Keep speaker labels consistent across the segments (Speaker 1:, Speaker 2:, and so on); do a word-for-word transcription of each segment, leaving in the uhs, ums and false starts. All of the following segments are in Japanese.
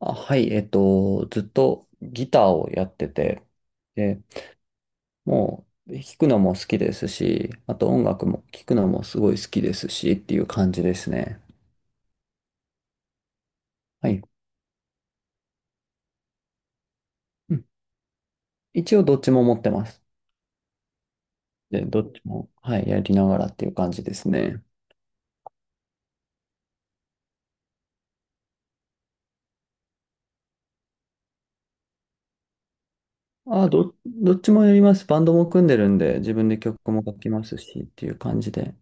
Speaker 1: あ、はい、えっと、ずっとギターをやってて、で、もう弾くのも好きですし、あと音楽も聴くのもすごい好きですしっていう感じですね。はい。うん。一応どっちも持ってます。で、どっちも、はい、やりながらっていう感じですね。あ、ど、どっちもやります。バンドも組んでるんで、自分で曲も書きますしっていう感じで。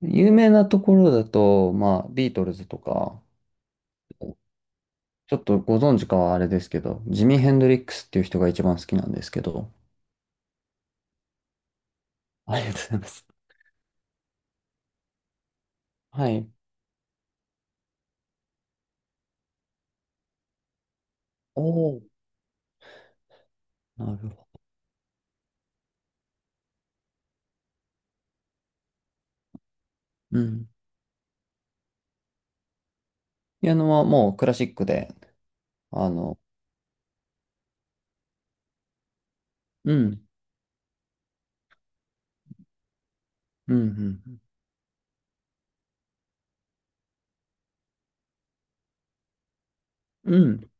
Speaker 1: 有名なところだと、まあ、ビートルズとか、ちょっとご存知かはあれですけど、ジミー・ヘンドリックスっていう人が一番好きなんですけど。ありがとうございます。はい。おお、なるほど。うん。ピアノはもうクラシックで、あの、うん、うん、うん。うん、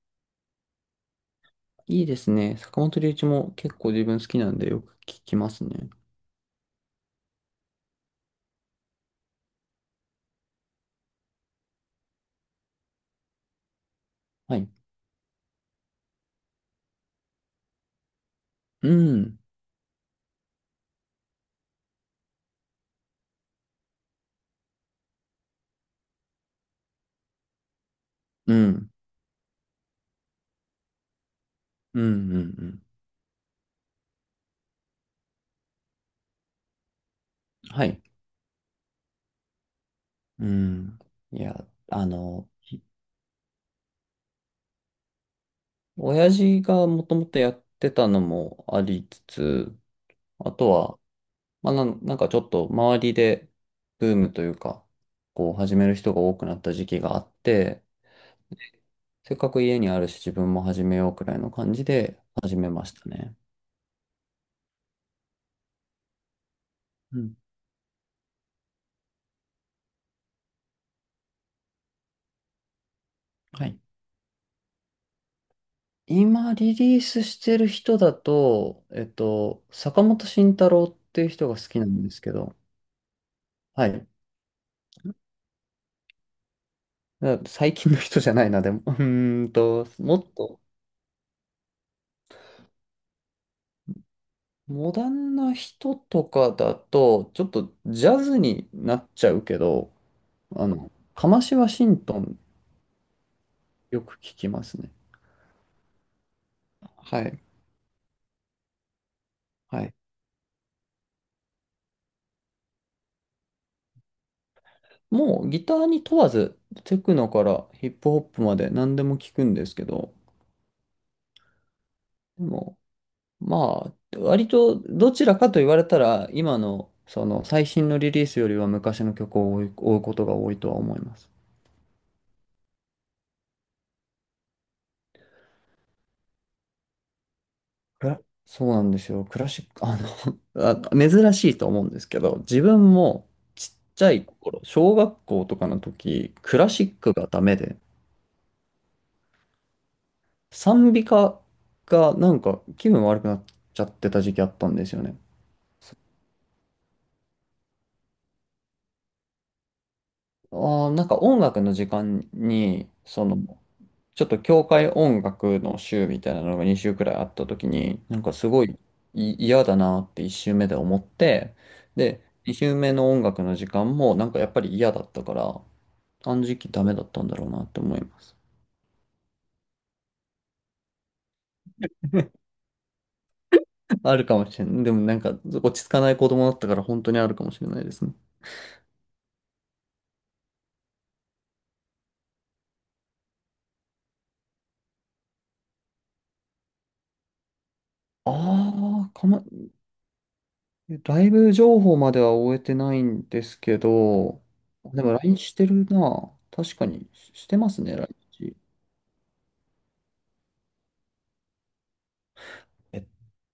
Speaker 1: いいですね。坂本龍一も結構自分好きなんでよく聞きますね。はい。うん、うん、うん、うん、うん。はい。うん。いや、あの、親父がもともとやってたのもありつつ、あとは、まあ、なんなんかちょっと周りでブームというか、こう始める人が多くなった時期があって、せっかく家にあるし自分も始めようくらいの感じで始めましたね。うん。はい。今リリースしてる人だと、えっと、坂本慎太郎っていう人が好きなんですけど、はい。だ最近の人じゃないな、でも。うーんと、もっと、モダンな人とかだと、ちょっとジャズになっちゃうけど、あの、カシワシントンよく聞きますね。はい。はい。もうギターに問わず、テクノからヒップホップまで何でも聞くんですけど、でも、まあ、割とどちらかと言われたら、今のその最新のリリースよりは昔の曲を追う追うことが多いとは思います。クラそうなんですよ。クラシック、あの あ、珍しいと思うんですけど、自分もちっちゃい頃、小学校とかの時、クラシックがダメで、賛美歌がなんか気分悪くなっちゃってた時期あったんですよね。ああ、なんか音楽の時間に、その、ちょっと教会音楽の週みたいなのがにしゅう週くらいあった時に、なんかすごいい嫌だなっていっしゅうめ週目で思って、で、にしゅうめ週目の音楽の時間もなんかやっぱり嫌だったから、あの時期ダメだったんだろうなって思います。あるかもしれない。でもなんか落ち着かない子供だったから本当にあるかもしれないですね。ああ、かもえライブ情報までは終えてないんですけど、でも ライン してるな。確かにししてますね、ライン。えっ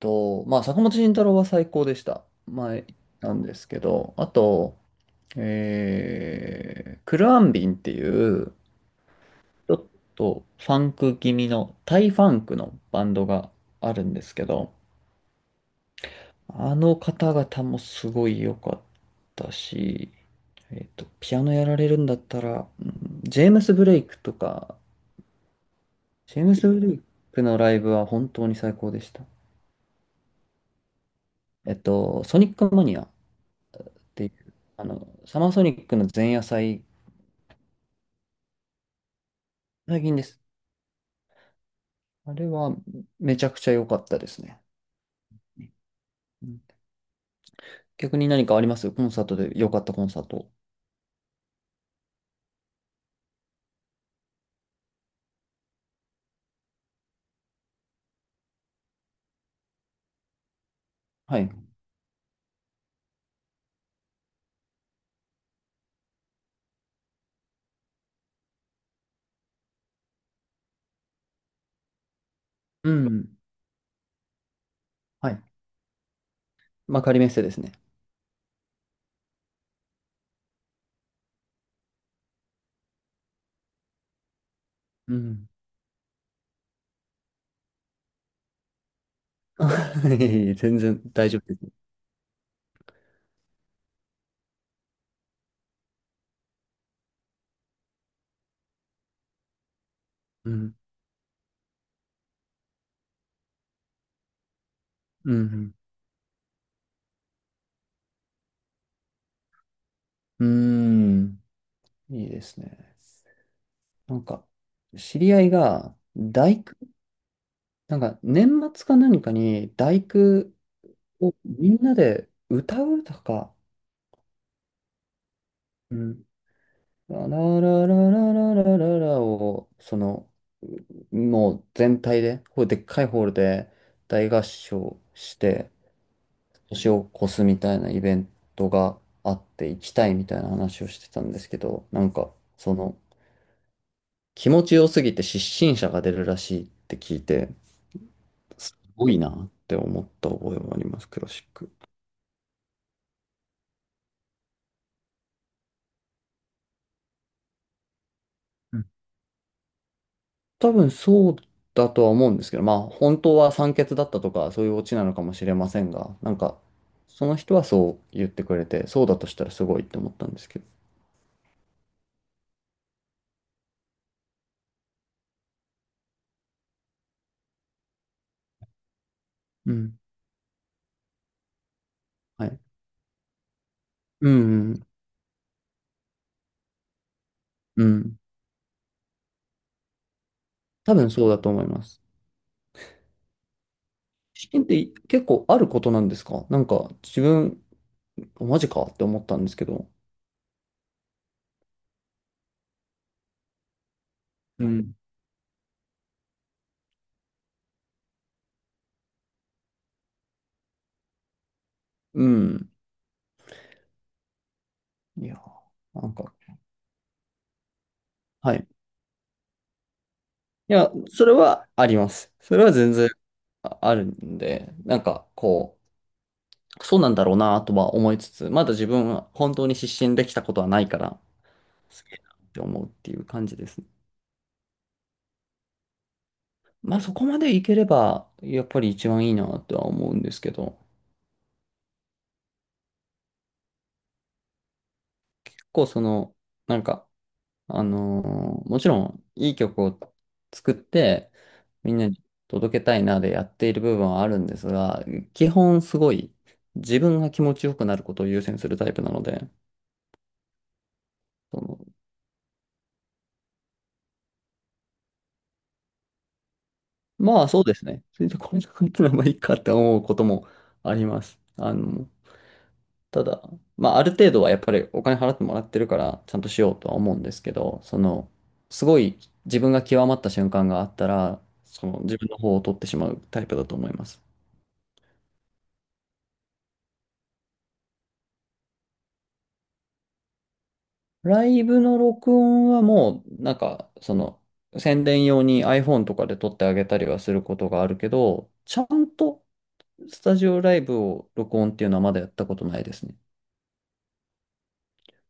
Speaker 1: と、まあ、坂本慎太郎は最高でした。前なんですけど、あと、えー、クルアンビンっていう、ちょっとファンク気味の、タイファンクのバンドがあるんですけど、あの方々もすごい良かったし、えっと、ピアノやられるんだったら、うん。ジェームス・ブレイクとか、ジェームス・ブレイクのライブは本当に最高でした。えっと、ソニックマニアっていう、あの、サマーソニックの前夜祭、最近です。あれはめちゃくちゃ良かったですね。うん。逆に何かありますコンサートで良かったコンサート？はい。うん。はい。まあ、仮メッセですね。うん。全然大丈夫です。うんうんうん。うーん。いいですね。なんか、知り合いが、大工、なんか、年末か何かに、大工をみんなで歌うとか、うん。ラララララララララを、その、もう全体で、こうでっかいホールで大合唱して、年を越すみたいなイベントがあって、行きたいみたいな話をしてたんですけど、なんか、その、気持ちよすぎて失神者が出るらしいって聞いて、すごいなって思った覚えもあります、クラシック。うん。多分そうだとは思うんですけど、まあ本当は酸欠だったとかそういうオチなのかもしれませんが、なんかその人はそう言ってくれて、そうだとしたらすごいって思ったんですけど。うん。はい。うんうんうん。多分そうだと思います。失神って結構あることなんですか？なんか自分、マジかって思ったんですけど。うん。うん。いや、なんか、はい。いや、それはあります。それは全然ああるんで、なんかこう、そうなんだろうなとは思いつつ、まだ自分は本当に失神できたことはないから、すげえなって思うっていう感じですね。まあそこまでいければ、やっぱり一番いいなとは思うんですけど、結構その、なんか、あのーもちろんいい曲を作ってみんなに届けたいなでやっている部分はあるんですが、基本すごい自分が気持ちよくなることを優先するタイプなので、そのまあそうですね。それでこんな感じならばいいかって思うこともあります。あの、ただ、まあある程度はやっぱりお金払ってもらってるからちゃんとしようとは思うんですけど、その、すごい自分が極まった瞬間があったら、その自分の方を取ってしまうタイプだと思います。ライブの録音はもう、なんか、その、宣伝用に アイフォン とかで撮ってあげたりはすることがあるけど、ちゃんとスタジオライブを録音っていうのはまだやったことないですね。